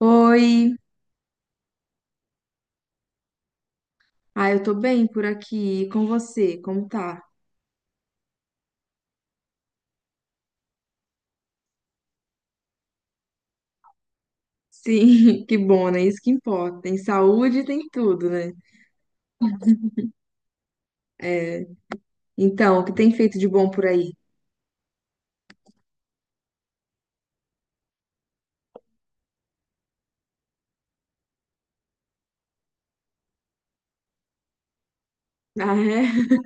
Oi, eu tô bem por aqui. E com você, como tá? Sim, que bom, né? Isso que importa. Tem saúde, tem tudo, né? É. Então, o que tem feito de bom por aí? Ah, é?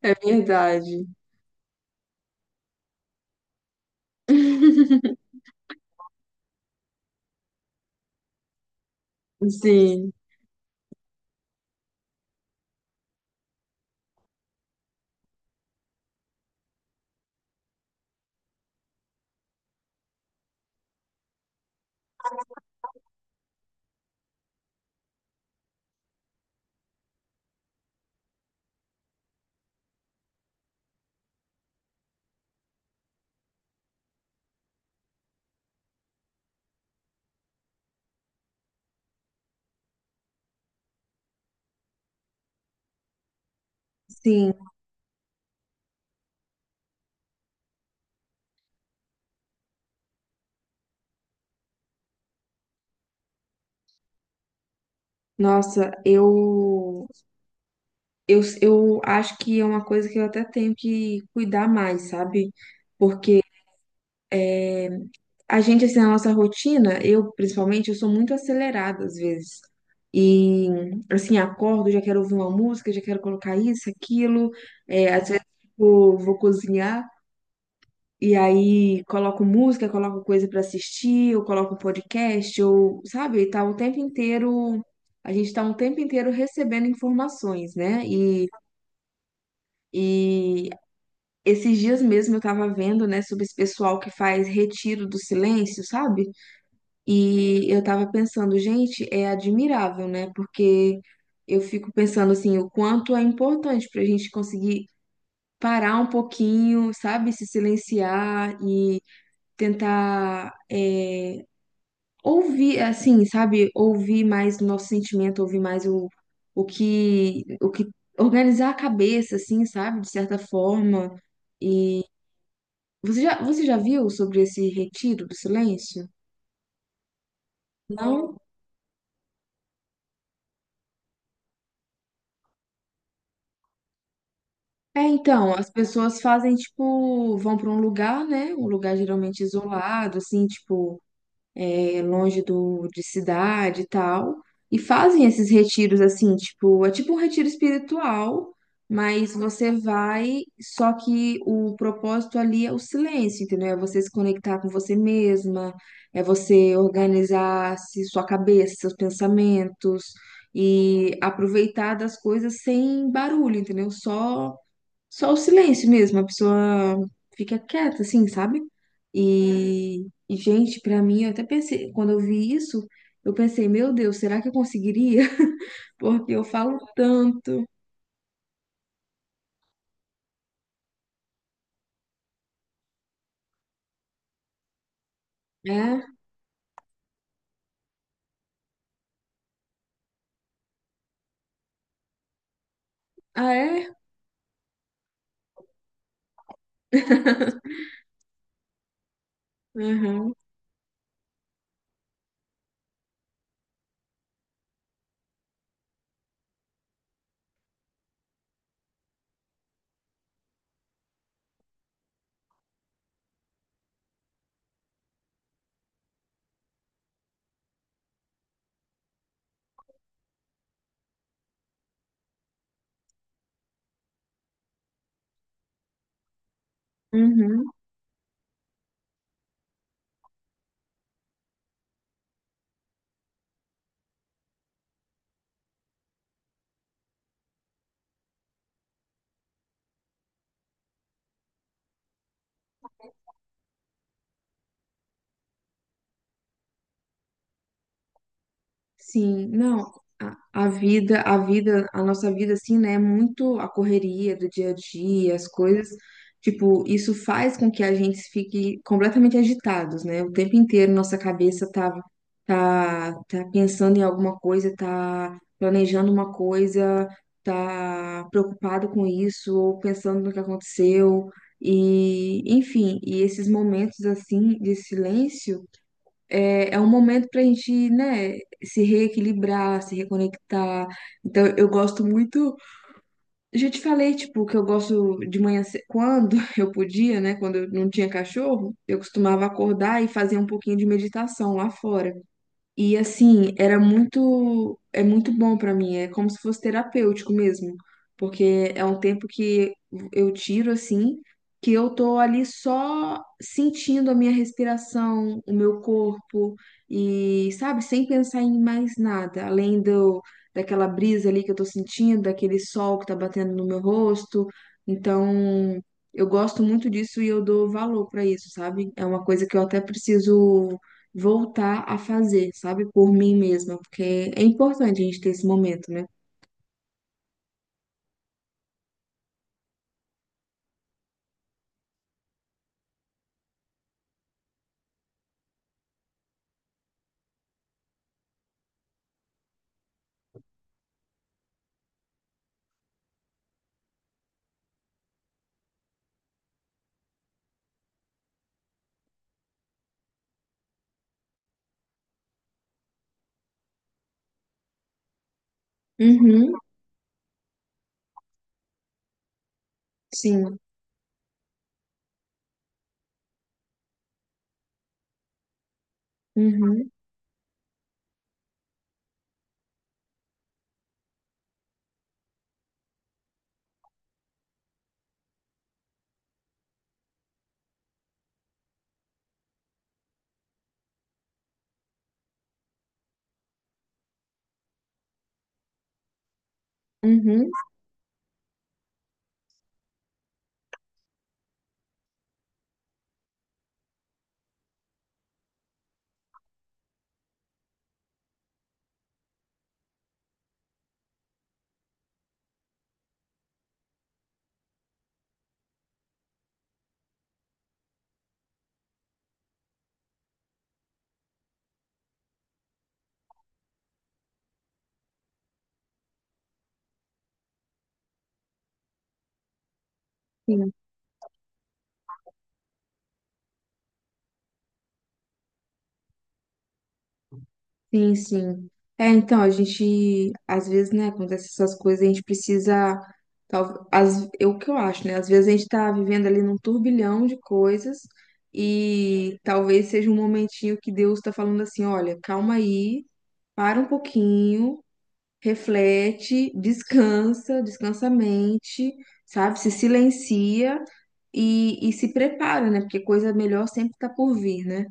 É verdade. Sim, sim. Nossa, eu acho que é uma coisa que eu até tenho que cuidar mais, sabe? Porque a gente, assim, na nossa rotina, eu principalmente, eu sou muito acelerada às vezes. E, assim, acordo, já quero ouvir uma música, já quero colocar isso, aquilo. É, às vezes, tipo, vou cozinhar e aí coloco música, coloco coisa pra assistir, ou coloco um podcast, ou, sabe, tá o tempo inteiro. A gente tá um tempo inteiro recebendo informações, né? E esses dias mesmo eu tava vendo, né, sobre esse pessoal que faz retiro do silêncio, sabe? E eu tava pensando, gente, é admirável, né? Porque eu fico pensando assim, o quanto é importante pra gente conseguir parar um pouquinho, sabe? Se silenciar e tentar ouvir, assim, sabe? Ouvir mais o nosso sentimento, ouvir mais o que organizar a cabeça, assim, sabe? De certa forma. E você já viu sobre esse retiro do silêncio? Não? É, então, as pessoas fazem, tipo, vão para um lugar, né? Um lugar geralmente isolado, assim, tipo, é, longe do, de cidade e tal. E fazem esses retiros, assim, tipo, é tipo um retiro espiritual, mas você vai, só que o propósito ali é o silêncio, entendeu? É você se conectar com você mesma, é você organizar se- sua cabeça, seus pensamentos, e aproveitar das coisas sem barulho, entendeu? Só. Só o silêncio mesmo, a pessoa fica quieta, assim, sabe? E, e gente, pra mim, eu até pensei, quando eu vi isso, eu pensei, meu Deus, será que eu conseguiria? Porque eu falo tanto. É? Ah, é? Aham. Uhum. Sim, não, a, a vida, a vida, a nossa vida, assim, né, é muito a correria do dia a dia, as coisas, tipo, isso faz com que a gente fique completamente agitados, né, o tempo inteiro nossa cabeça tá, tá pensando em alguma coisa, tá planejando uma coisa, tá preocupado com isso, ou pensando no que aconteceu, e, enfim, e esses momentos, assim, de silêncio, é um momento pra gente, né, se reequilibrar, se reconectar. Então, eu gosto muito. Eu já te falei, tipo, que eu gosto de manhã, ce- quando eu podia, né, quando eu não tinha cachorro, eu costumava acordar e fazer um pouquinho de meditação lá fora. E assim, era muito, é muito bom pra mim, é como se fosse terapêutico mesmo, porque é um tempo que eu tiro assim, que eu tô ali só sentindo a minha respiração, o meu corpo e, sabe, sem pensar em mais nada, além do daquela brisa ali que eu tô sentindo, daquele sol que tá batendo no meu rosto. Então, eu gosto muito disso e eu dou valor pra isso, sabe? É uma coisa que eu até preciso voltar a fazer, sabe? Por mim mesma, porque é importante a gente ter esse momento, né? Uhum, sim. Uhum, uhum, sim, sim, sim. É, então, a gente, às vezes, né, acontece essas coisas, a gente precisa, tal, as, é o que eu acho, né, às vezes a gente tá vivendo ali num turbilhão de coisas e talvez seja um momentinho que Deus tá falando assim, olha, calma aí, para um pouquinho, reflete, descansa, descansa a mente, sabe? Se silencia e se prepara, né? Porque coisa melhor sempre tá por vir, né?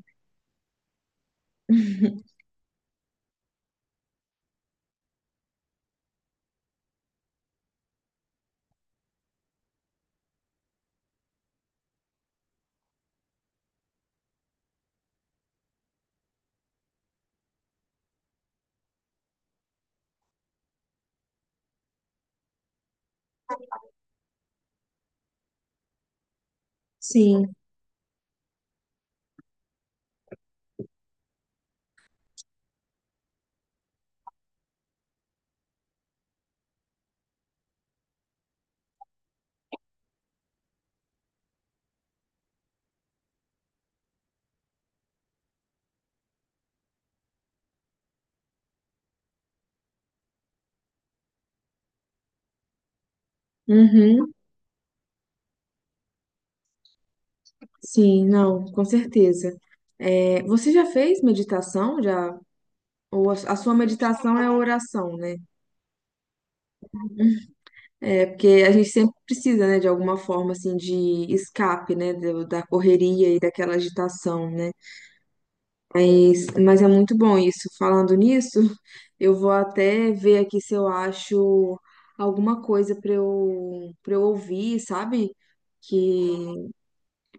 Sim, uhum, sim, não, com certeza. É, você já fez meditação, já? Ou a sua meditação é a oração, né? É, porque a gente sempre precisa, né, de alguma forma, assim, de escape, né, do- da correria e daquela agitação, né? Mas é muito bom isso. Falando nisso, eu vou até ver aqui se eu acho alguma coisa para eu ouvir, sabe? Que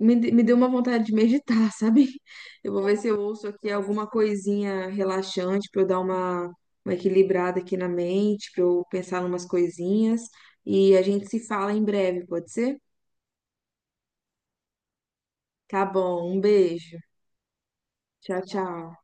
me, de- me deu uma vontade de meditar, sabe? Eu vou ver se eu ouço aqui alguma coisinha relaxante para eu dar uma equilibrada aqui na mente, para eu pensar em umas coisinhas. E a gente se fala em breve, pode ser? Tá bom, um beijo. Tchau, tchau.